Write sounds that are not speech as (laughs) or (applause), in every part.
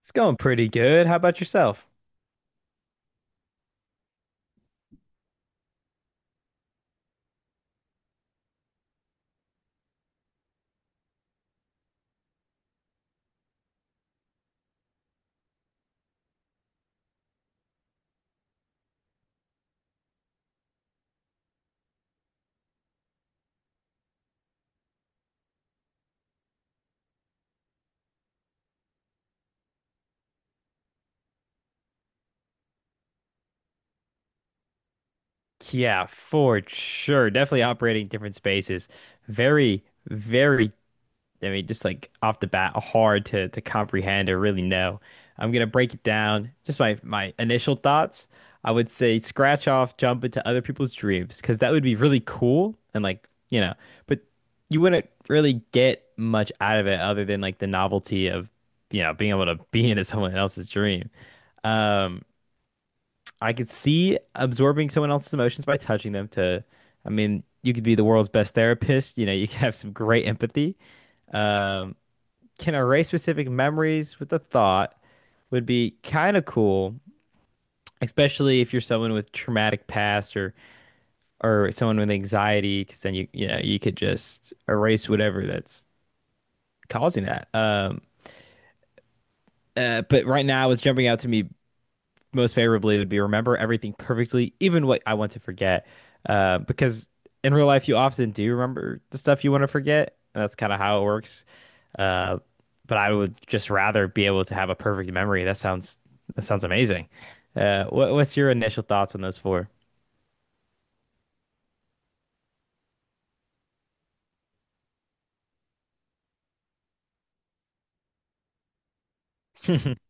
It's going pretty good. How about yourself? Yeah, for sure. Definitely operating different spaces. Very, very, just like off the bat, hard to comprehend or really know. I'm gonna break it down. Just my initial thoughts. I would say scratch off, jump into other people's dreams, because that would be really cool and but you wouldn't really get much out of it other than like the novelty of, being able to be (laughs) into someone else's dream. Um, I could see absorbing someone else's emotions by touching them to, I mean, you could be the world's best therapist. You could have some great empathy. Um, can erase specific memories with a thought would be kind of cool, especially if you're someone with traumatic past or someone with anxiety, because then you know you could just erase whatever that's causing that. But right now, it's jumping out to me most favorably would be remember everything perfectly, even what I want to forget. Because in real life, you often do remember the stuff you want to forget. That's kind of how it works. Uh, but I would just rather be able to have a perfect memory. That sounds amazing. What's your initial thoughts on those four? (laughs)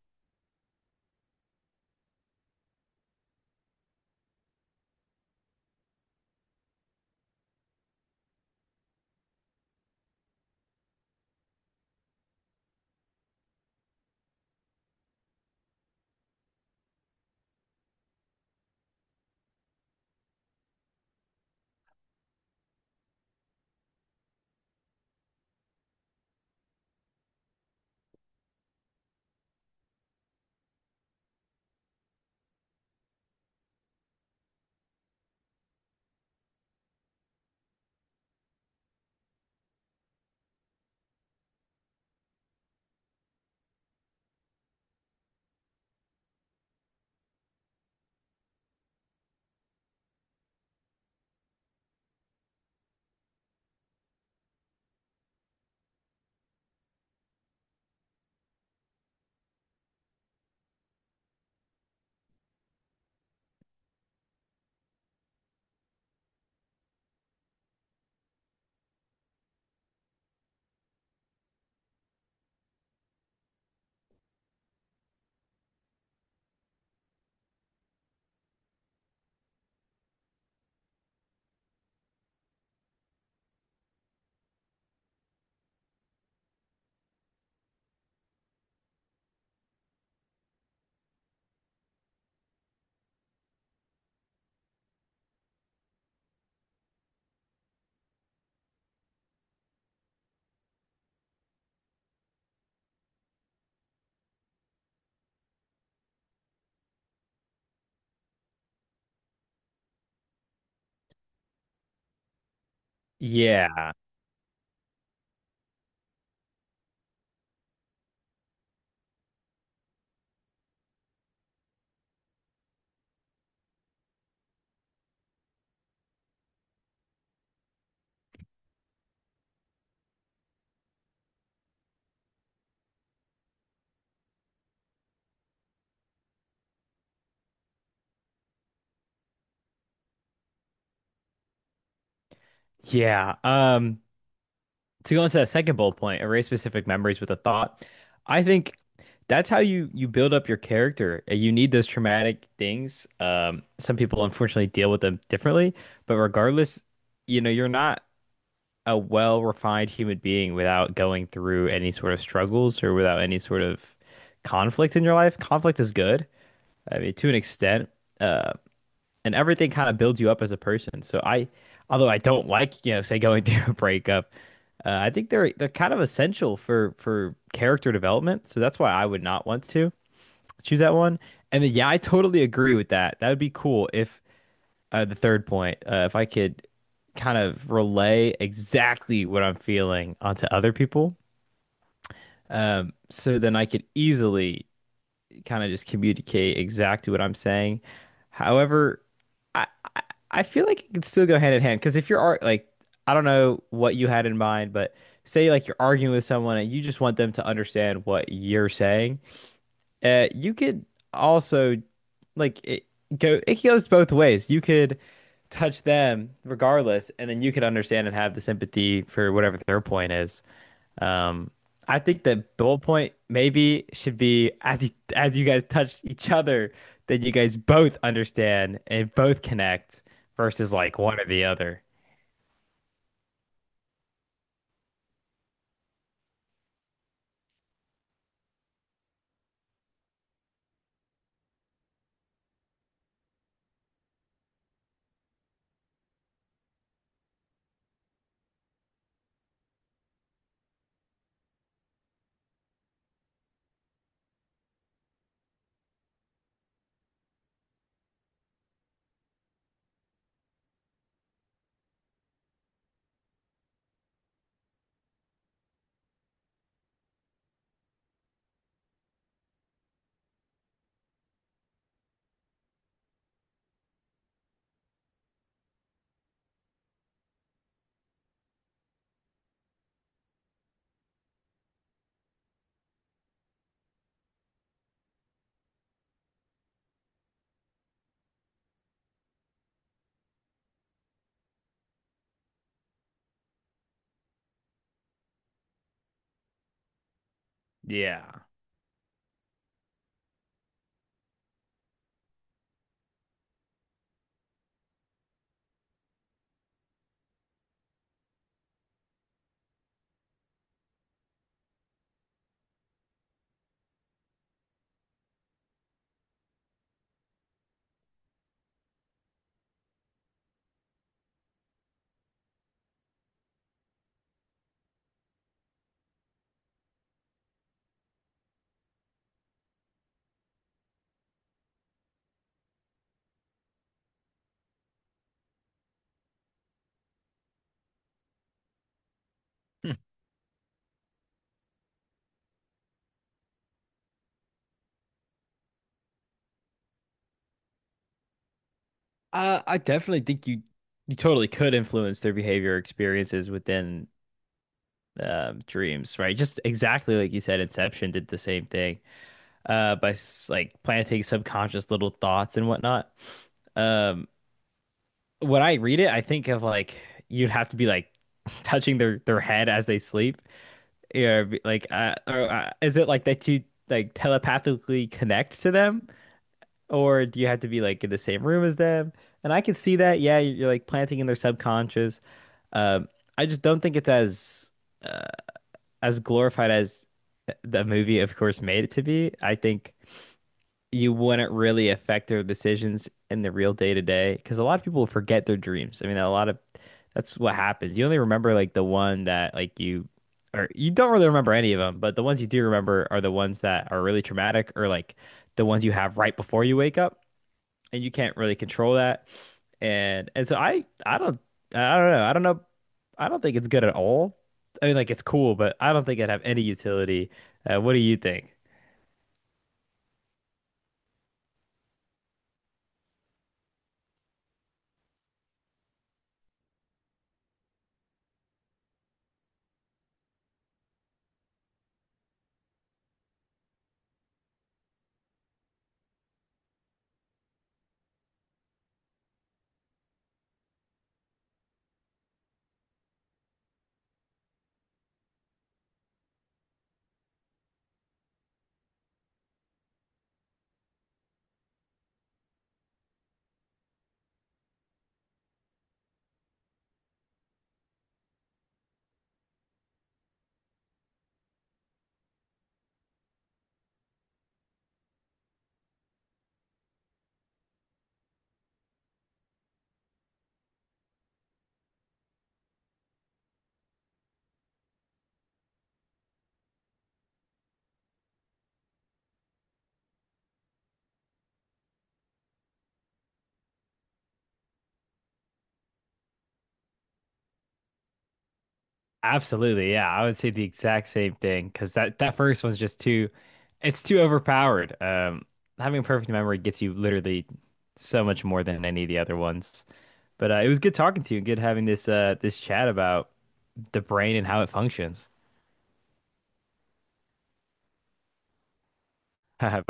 Yeah, yeah. To go into that second bullet point, erase specific memories with a thought. I think that's how you build up your character. You need those traumatic things. Some people unfortunately deal with them differently, but regardless, you know, you're not a well-refined human being without going through any sort of struggles or without any sort of conflict in your life. Conflict is good. I mean, to an extent. Uh, and everything kind of builds you up as a person. So I, although I don't like, you know, say going (laughs) through a breakup, I think they're kind of essential for character development. So that's why I would not want to choose that one. And then, yeah, I totally agree with that. That would be cool if the third point, if I could kind of relay exactly what I'm feeling onto other people, so then I could easily kind of just communicate exactly what I'm saying. However, I I I feel like it could still go hand in hand because if you're ar- like I don't know what you had in mind, but say like you're arguing with someone and you just want them to understand what you're saying, you could also like it it goes both ways. You could touch them regardless, and then you could understand and have the sympathy for whatever their point is. Um, I think that bullet point maybe should be as you guys touch each other, then you guys both understand and both connect versus like one or the other. Yeah. Hmm. I definitely think you totally could influence their behavior experiences within dreams, right? Just exactly like you said, Inception did the same thing like planting subconscious little thoughts and whatnot. Um, when I read it, I think of like you'd have to be like (laughs) touching their head as they sleep. Is it like that you like telepathically connect to them, or do you have to be like in the same room as them? And I can see that. Yeah, you're like planting in their subconscious. Um, I just don't think it's uh, as glorified as the movie, of course, made it to be. I think you wouldn't really affect their decisions in the real day to day because a lot of people forget their dreams. I mean, a lot of that's what happens. You only remember like the one that like you or you don't really remember any of them, but the ones you do remember are the ones that are really traumatic or like the ones you have right before you wake up and you can't really control that. And so I don't know. I don't know. I don't think it's good at all. I mean, like it's cool, but I don't think it'd have any utility. What do you think? Absolutely, yeah. I would say the exact same thing because that first one's just too, it's too overpowered. Having perfect memory gets you literally so much more than any of the other ones. But it was good talking to you and good having this this chat about the brain and how it functions. (laughs)